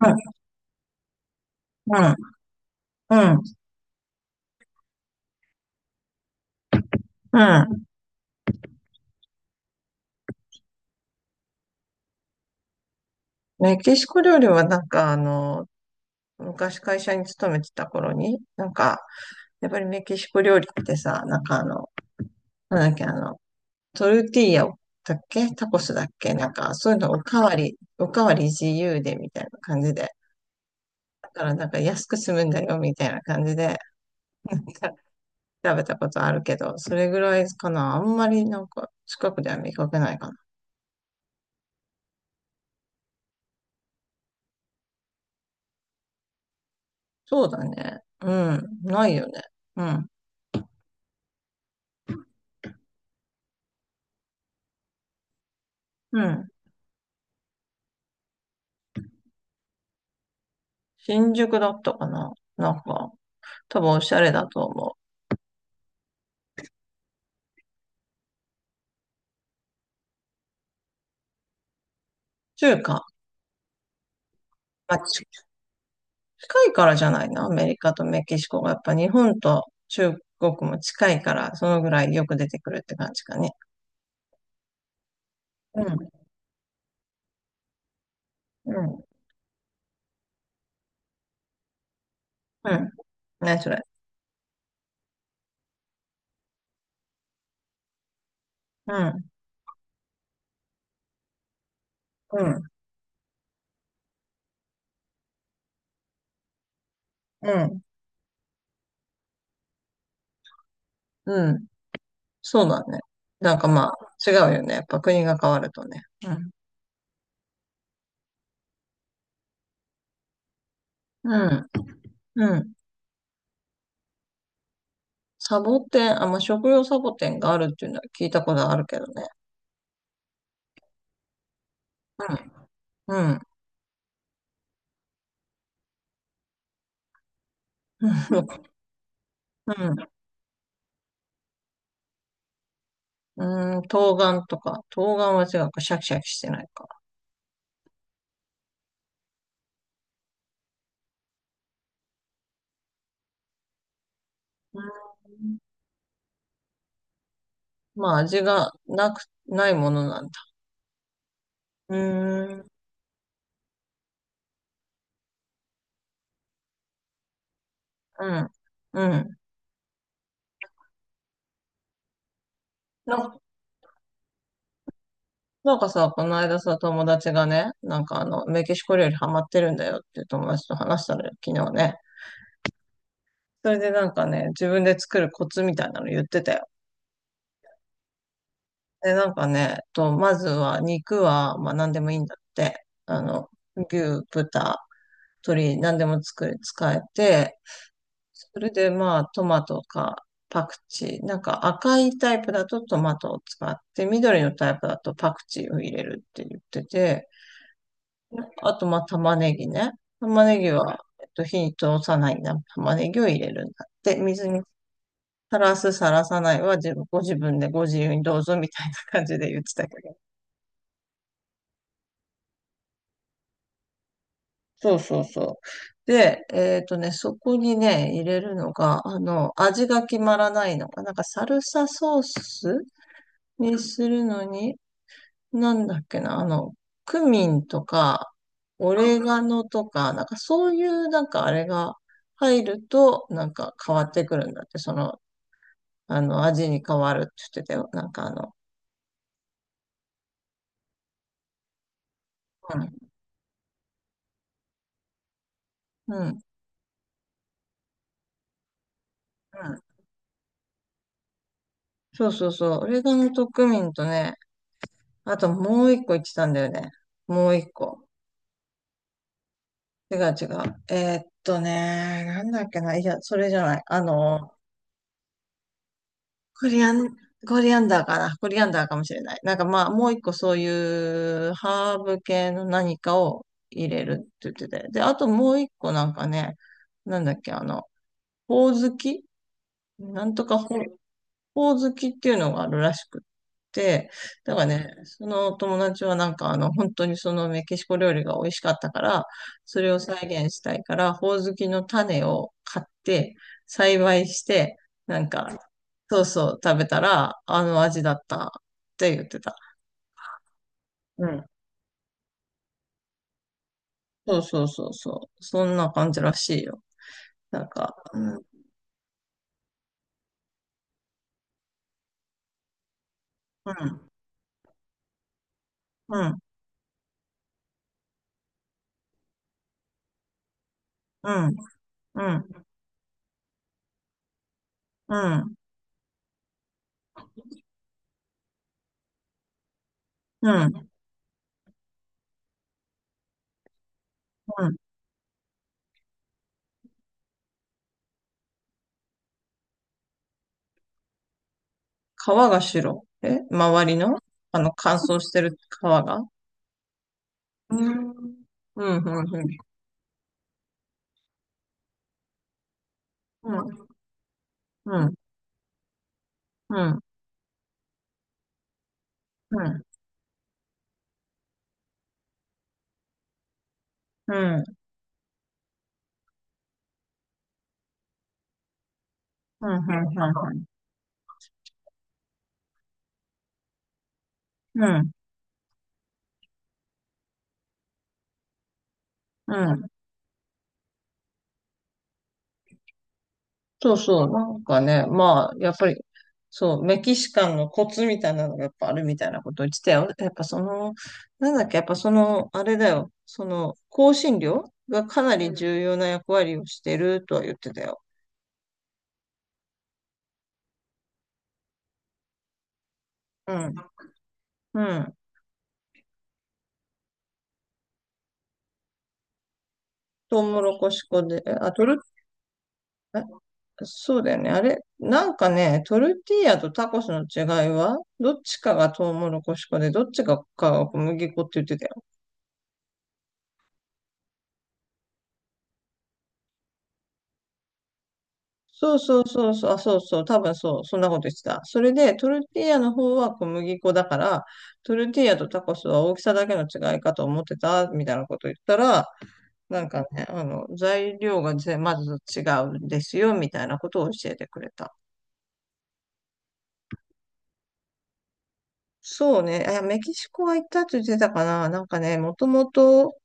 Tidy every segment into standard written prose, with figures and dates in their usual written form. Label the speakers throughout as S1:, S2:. S1: うん、うん、うん、うん。メキシコ料理は昔会社に勤めてた頃に、やっぱりメキシコ料理ってさ、なんだっけ、あの、トルティーヤだっけタコスだっけそういうのおかわり、おかわり自由でみたいな感じで。だからなんか安く済むんだよみたいな感じでた食べたことあるけど、それぐらいかな。あんまりなんか近くでは見かけないかな。そうだね。うん。ないよね。うん。うん。新宿だったかな。多分おしゃれだと思う。中華。まあ、ち近いからじゃないな。アメリカとメキシコが。やっぱ日本と中国も近いから、そのぐらいよく出てくるって感じかね。うん、うん、うん。何それ。うん、うん、うん、うん。そうだね。なんかまあ、違うよね。やっぱ国が変わるとね。うん、うん、うん。サボテン、あ、まあ、食用サボテンがあるっていうのは聞いたことあるけどね。うん、うん、うん、うん。うーん、冬瓜とか、冬瓜は違うか、シャキシャキしてないか。うーん、まあ、味がなく、ないものなんだ。うーん、うん、うん。な、なんかさ、この間さ、友達がね、メキシコ料理ハマってるんだよっていう友達と話したのよ、昨日ね。それでなんかね、自分で作るコツみたいなの言ってたよ。で、なんかね、まずは肉は、まあ何でもいいんだって。あの、牛、豚、鶏、何でも作れ、使えて、それでまあトマトかパクチー。なんか赤いタイプだとトマトを使って、緑のタイプだとパクチーを入れるって言ってて、あとまあ玉ねぎね。玉ねぎは、えっと、火に通さないな玉ねぎを入れるんだって。水にさらす、さらさないはご自分でご自由にどうぞみたいな感じで言ってたけど。そうそうそう。で、えっとね、そこにね、入れるのが、あの、味が決まらないのが、なんかサルサソースにするのに、なんだっけな、あの、クミンとか、オレガノとか、なんかそういうなんかあれが入ると、なんか変わってくるんだって、その、あの、味に変わるって言ってたよ。なんかあの、うん、うん。そうそうそう、オレガノとクミンとね、あともう一個言ってたんだよね。もう一個。違う違う。ね、なんだっけな、いや、それじゃない。あの、コリアン、コリアンダーかな。コリアンダーかもしれない。なんかまあ、もう一個そういうハーブ系の何かを入れるって言ってて。で、あともう一個なんかね、なんだっけ、あの、ほおずきなんとかほ、ほうずきっていうのがあるらしくって、だからね、その友達はなんかあの、本当にそのメキシコ料理が美味しかったから、それを再現したいから、ほうずきの種を買って、栽培して、なんか、そうそう食べたら、あの味だったって言ってた。うん。そうそうそうそう。そんな感じらしいよ。なんか、うん、うん、うん、うん、うん、うん、うん、うん。川が白。え、周りのあの、乾燥してる川が、うん。うん、うん、うん。うん、うん、うん、うん、うん、うん、うん、うん。そうそう。なんかね、まあ、やっぱり、そう、メキシカンのコツみたいなのがやっぱあるみたいなことを言ってたよ。やっぱその、なんだっけ、やっぱその、あれだよ。その、香辛料がかなり重要な役割をしてるとは言ってたよ。うん、うん。トウモロコシ粉で、そうだよね。あれ、なんかね、トルティーヤとタコスの違いは、どっちかがトウモロコシ粉で、どっちかが小麦粉って言ってたよ。そうそうそうそう、あ、そうそう、多分そう、そんなこと言ってた。それで、トルティーヤの方は小麦粉だから、トルティーヤとタコスは大きさだけの違いかと思ってた、みたいなこと言ったら、なんかね、あの、材料がまず違うんですよ、みたいなことを教えてくれた。そうね、あ、メキシコは行ったって言ってたかな。なんかね、もともと、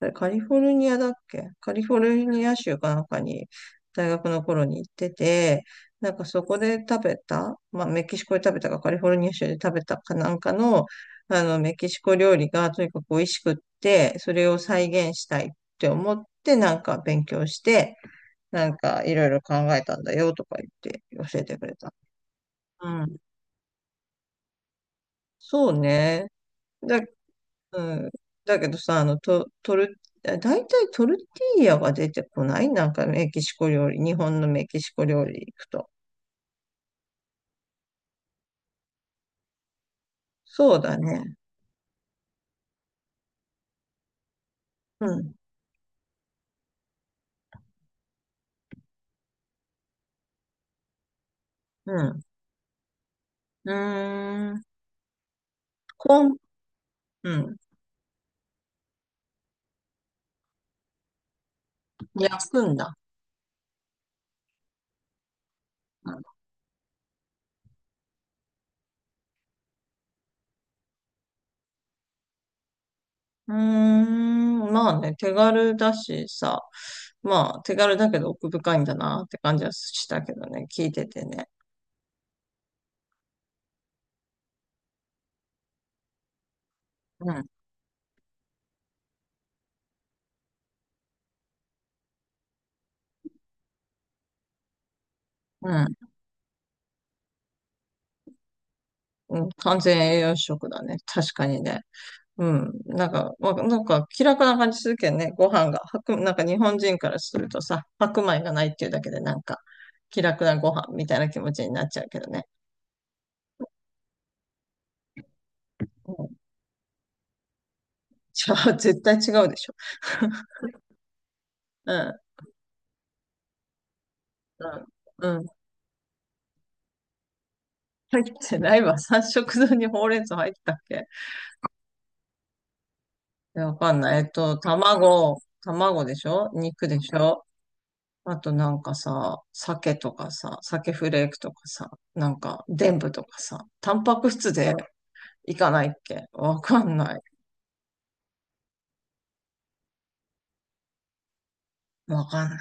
S1: あれカリフォルニアだっけカリフォルニア州かなんかに大学の頃に行ってて、なんかそこで食べた、まあメキシコで食べたかカリフォルニア州で食べたかなんかの、あのメキシコ料理がとにかく美味しくって、それを再現したいって思ってなんか勉強して、なんかいろいろ考えたんだよとか言って教えてくれた。うん。そうね。だうん。だけどさ、あの、と、トル、だいたいトルティーヤが出てこないなんかメキシコ料理、日本のメキシコ料理行くと。そうだね。うん、うん。うーん。こん、うん。焼くんだ。うーん。まあね、手軽だしさ。まあ、手軽だけど奥深いんだなって感じはしたけどね、聞いててね。うん、うん、うん。完全栄養食だね。確かにね。うん。なんか、なんか気楽な感じするけどね、ご飯が。なんか日本人からするとさ、白米がないっていうだけでなんか気楽なご飯みたいな気持ちになっちゃうけどね。うん。じゃあ、絶対違うでしょ。うん。うん。うん。入ってないわ。三色丼にほうれん草入ってたっけ？いや、わかんない。えっと、卵、卵でしょ？肉でしょ？あとなんかさ、鮭とかさ、鮭フレークとかさ、なんか、でんぶとかさ、タンパク質でいかないっけ？わかんない。わかんない。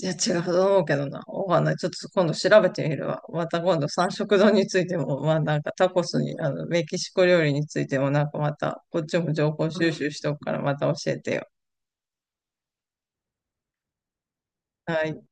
S1: いや、違うと思うけどな。わかんない。ちょっと今度調べてみるわ。また今度三色丼についても、まあなんかタコスに、あの、メキシコ料理についてもなんかまた、こっちも情報収集しとくからまた教えてよ。はい。